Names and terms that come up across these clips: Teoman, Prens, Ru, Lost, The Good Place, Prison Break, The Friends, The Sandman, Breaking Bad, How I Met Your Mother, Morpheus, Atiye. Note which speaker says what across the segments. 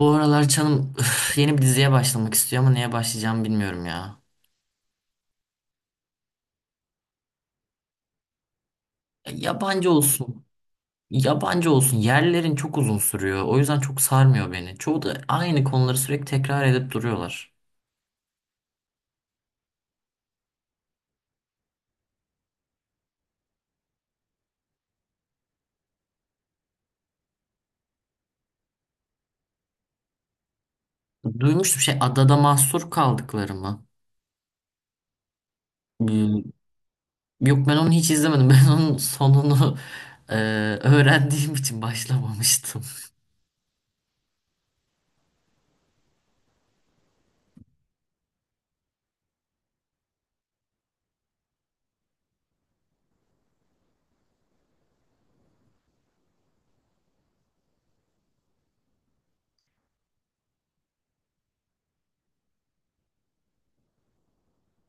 Speaker 1: Bu aralar canım üf, yeni bir diziye başlamak istiyor ama neye başlayacağımı bilmiyorum ya. Ya yabancı olsun. Yabancı olsun. Yerlerin çok uzun sürüyor. O yüzden çok sarmıyor beni. Çoğu da aynı konuları sürekli tekrar edip duruyorlar. Duymuştum, şey, adada mahsur kaldıkları mı? Hmm. Yok, ben onu hiç izlemedim. Ben onun sonunu e, öğrendiğim için başlamamıştım.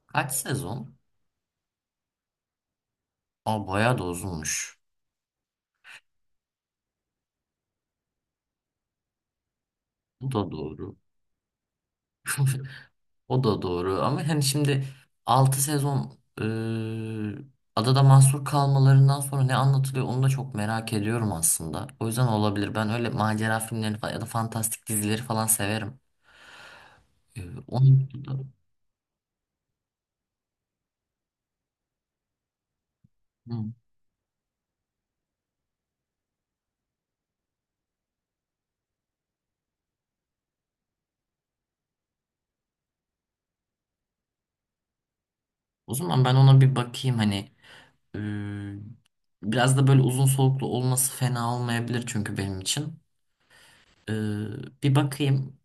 Speaker 1: Kaç sezon? Aa bayağı da uzunmuş. Bu da doğru. O da doğru ama hani şimdi 6 sezon, adada mahsur kalmalarından sonra ne anlatılıyor onu da çok merak ediyorum aslında. O yüzden olabilir. Ben öyle macera filmlerini falan ya da fantastik dizileri falan severim. E, onun. Hı. O zaman ben ona bir bakayım, hani, e, biraz da böyle uzun soluklu olması fena olmayabilir çünkü benim için. E, bir bakayım.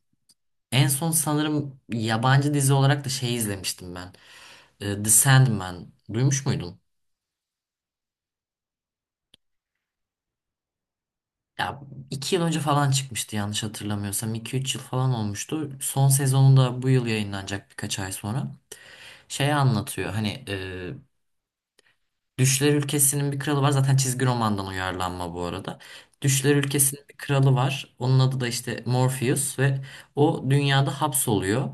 Speaker 1: En son sanırım yabancı dizi olarak da şey izlemiştim ben. E, The Sandman. Duymuş muydun? Ya 2 yıl önce falan çıkmıştı yanlış hatırlamıyorsam. İki üç yıl falan olmuştu. Son sezonu da bu yıl yayınlanacak, birkaç ay sonra. Şey anlatıyor, hani, Düşler Ülkesi'nin bir kralı var. Zaten çizgi romandan uyarlanma bu arada. Düşler Ülkesi'nin bir kralı var. Onun adı da işte Morpheus ve o dünyada hapsoluyor.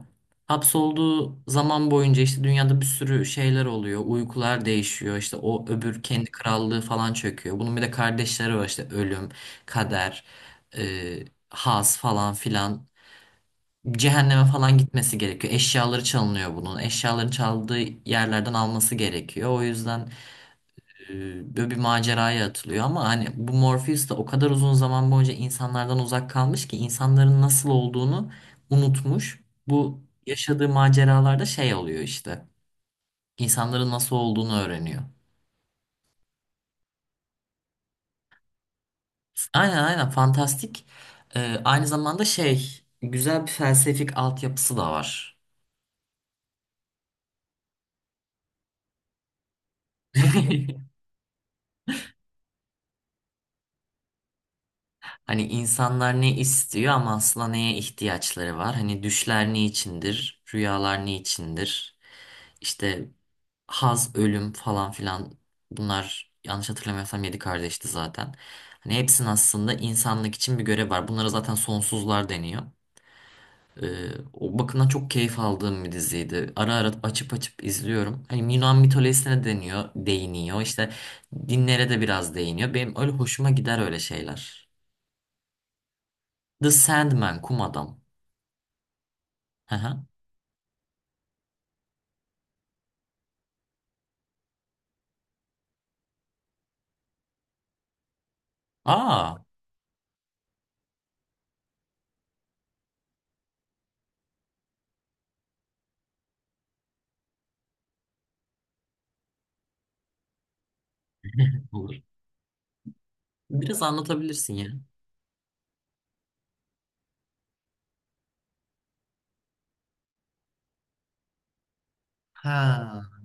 Speaker 1: Hapsolduğu zaman boyunca işte dünyada bir sürü şeyler oluyor. Uykular değişiyor. İşte o öbür kendi krallığı falan çöküyor. Bunun bir de kardeşleri var, işte ölüm, kader, e, haz falan filan. Cehenneme falan gitmesi gerekiyor. Eşyaları çalınıyor bunun. Eşyaları çaldığı yerlerden alması gerekiyor. O yüzden böyle bir maceraya atılıyor ama hani bu Morpheus da o kadar uzun zaman boyunca insanlardan uzak kalmış ki insanların nasıl olduğunu unutmuş. Bu yaşadığı maceralarda şey oluyor işte. İnsanların nasıl olduğunu öğreniyor. Aynen, aynen, fantastik. E, aynı zamanda şey, güzel bir felsefik altyapısı da var. Hani insanlar ne istiyor ama aslında neye ihtiyaçları var? Hani düşler ne içindir? Rüyalar ne içindir? İşte Haz, Ölüm falan filan, bunlar yanlış hatırlamıyorsam 7 kardeşti zaten. Hani hepsinin aslında insanlık için bir görev var. Bunlara zaten sonsuzlar deniyor. O bakımdan çok keyif aldığım bir diziydi. Ara ara açıp açıp izliyorum. Hani Yunan mitolojisine deniyor, değiniyor. İşte dinlere de biraz değiniyor. Benim öyle hoşuma gider öyle şeyler. The Sandman, Kum Adam. Hı hı. Aa. Olur. Biraz anlatabilirsin ya. Ha.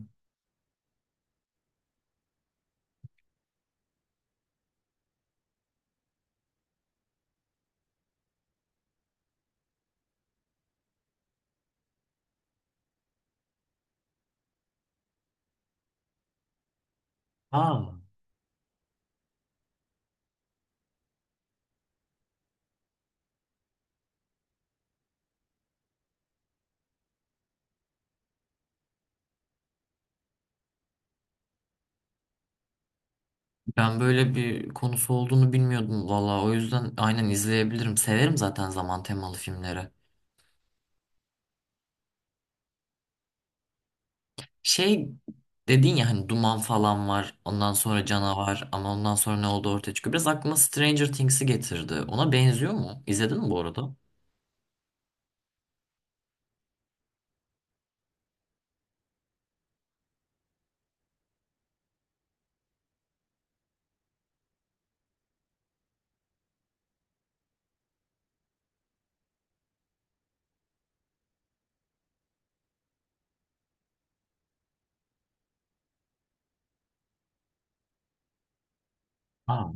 Speaker 1: Aa. Ben böyle bir konusu olduğunu bilmiyordum valla. O yüzden aynen izleyebilirim. Severim zaten zaman temalı filmleri. Şey dedin ya, hani duman falan var. Ondan sonra canavar, ama ondan sonra ne oldu ortaya çıkıyor. Biraz aklıma Stranger Things'i getirdi. Ona benziyor mu? İzledin mi bu arada? Aa,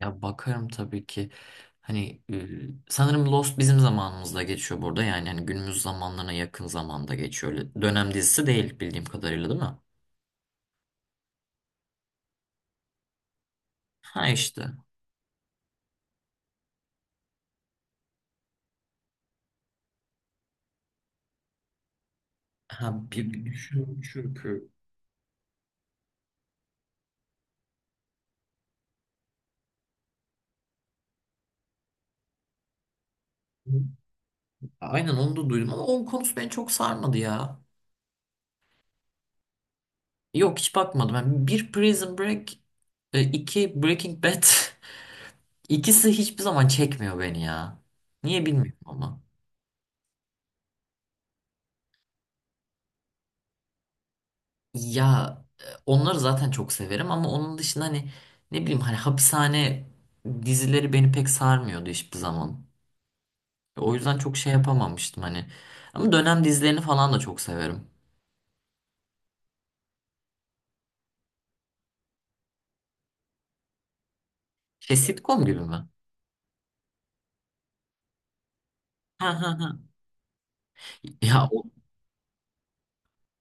Speaker 1: ya bakarım tabii ki. Hani, sanırım Lost bizim zamanımızda geçiyor burada. Yani hani günümüz zamanlarına yakın zamanda geçiyor. Öyle dönem dizisi değil bildiğim kadarıyla, değil mi? Ha işte. Ha bir, düşünüyorum çünkü. Aynen, onu da duydum ama onun konusu beni çok sarmadı ya. Yok, hiç bakmadım. Yani bir Prison Break, iki Breaking Bad. İkisi hiçbir zaman çekmiyor beni ya. Niye bilmiyorum ama. Ya onları zaten çok severim ama onun dışında, hani, ne bileyim, hani, hapishane dizileri beni pek sarmıyordu hiçbir zaman. O yüzden çok şey yapamamıştım hani. Ama dönem dizilerini falan da çok severim. Şey, sitcom gibi mi? Ha ha ha. Ya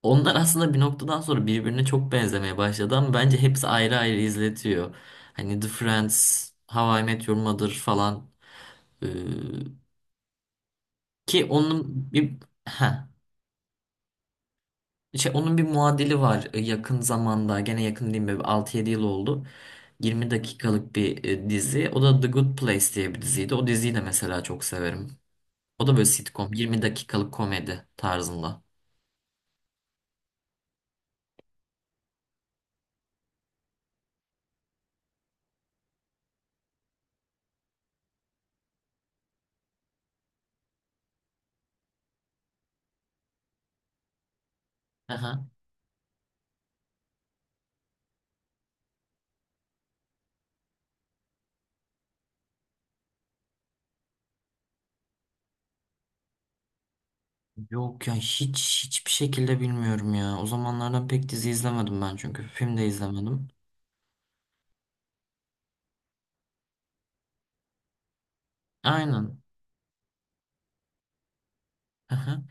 Speaker 1: onlar aslında bir noktadan sonra birbirine çok benzemeye başladı ama bence hepsi ayrı ayrı izletiyor. Hani The Friends, How I Met Your Mother falan. Ee, ki onun bir, ha, şey, onun bir muadili var. Yakın zamanda, gene yakın değil mi, 6-7 yıl oldu. 20 dakikalık bir dizi. O da The Good Place diye bir diziydi. O diziyi de mesela çok severim. O da böyle sitcom, 20 dakikalık komedi tarzında. Yok ya, hiç hiçbir şekilde bilmiyorum ya. O zamanlardan pek dizi izlemedim ben, çünkü film de izlemedim. Aynen. Aha.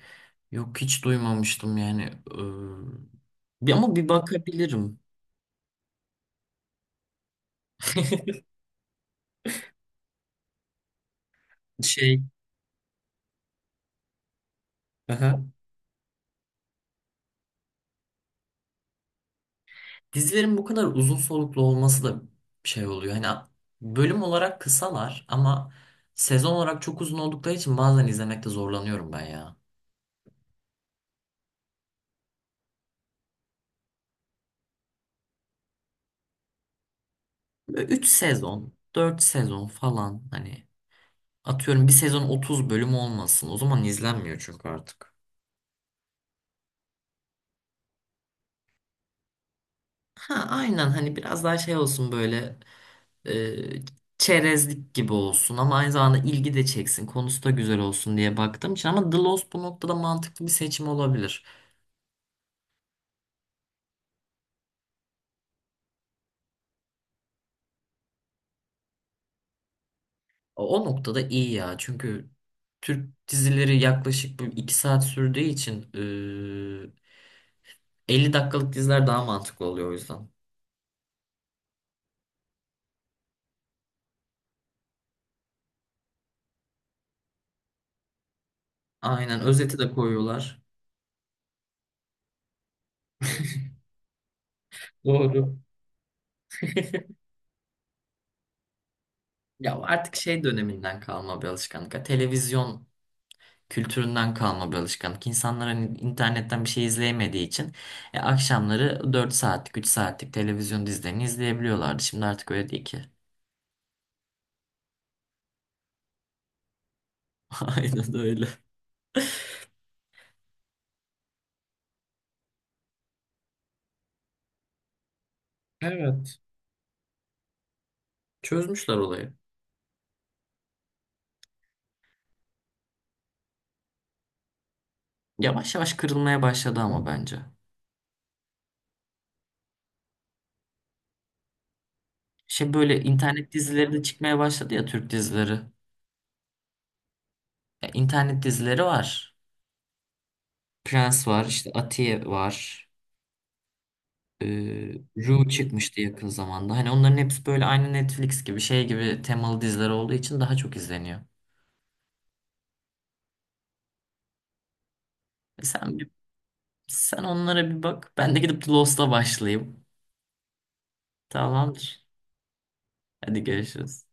Speaker 1: Yok, hiç duymamıştım yani. Ama bir bakabilirim. Şey, aha. Dizilerin bu kadar uzun soluklu olması da şey oluyor. Hani bölüm olarak kısalar ama sezon olarak çok uzun oldukları için bazen izlemekte zorlanıyorum ben ya. 3 sezon, 4 sezon falan, hani, atıyorum bir sezon 30 bölüm olmasın. O zaman izlenmiyor çünkü artık. Ha aynen, hani biraz daha şey olsun böyle, e, çerezlik gibi olsun ama aynı zamanda ilgi de çeksin. Konusu da güzel olsun diye baktığım için, ama The Lost bu noktada mantıklı bir seçim olabilir. O, o noktada iyi ya, çünkü Türk dizileri yaklaşık bu 2 saat sürdüğü için 50 dakikalık diziler daha mantıklı oluyor o yüzden. Aynen, özeti de koyuyorlar. Doğru. Ya artık şey döneminden kalma bir alışkanlık, ya, televizyon kültüründen kalma bir alışkanlık. İnsanlar hani internetten bir şey izleyemediği için akşamları 4 saatlik, 3 saatlik televizyon dizilerini izleyebiliyorlardı. Şimdi artık öyle değil ki. Aynen öyle. Evet. Çözmüşler olayı. Yavaş yavaş kırılmaya başladı ama bence. Şey, böyle internet dizileri de çıkmaya başladı ya, Türk dizileri. Ya, internet dizileri var. Prens var, işte Atiye var. Ee, Ru çıkmıştı yakın zamanda. Hani onların hepsi böyle aynı Netflix gibi, şey gibi temalı diziler olduğu için daha çok izleniyor. E sen bir, sen onlara bir bak. Ben de gidip The Lost'a başlayayım. Tamamdır. Hadi görüşürüz.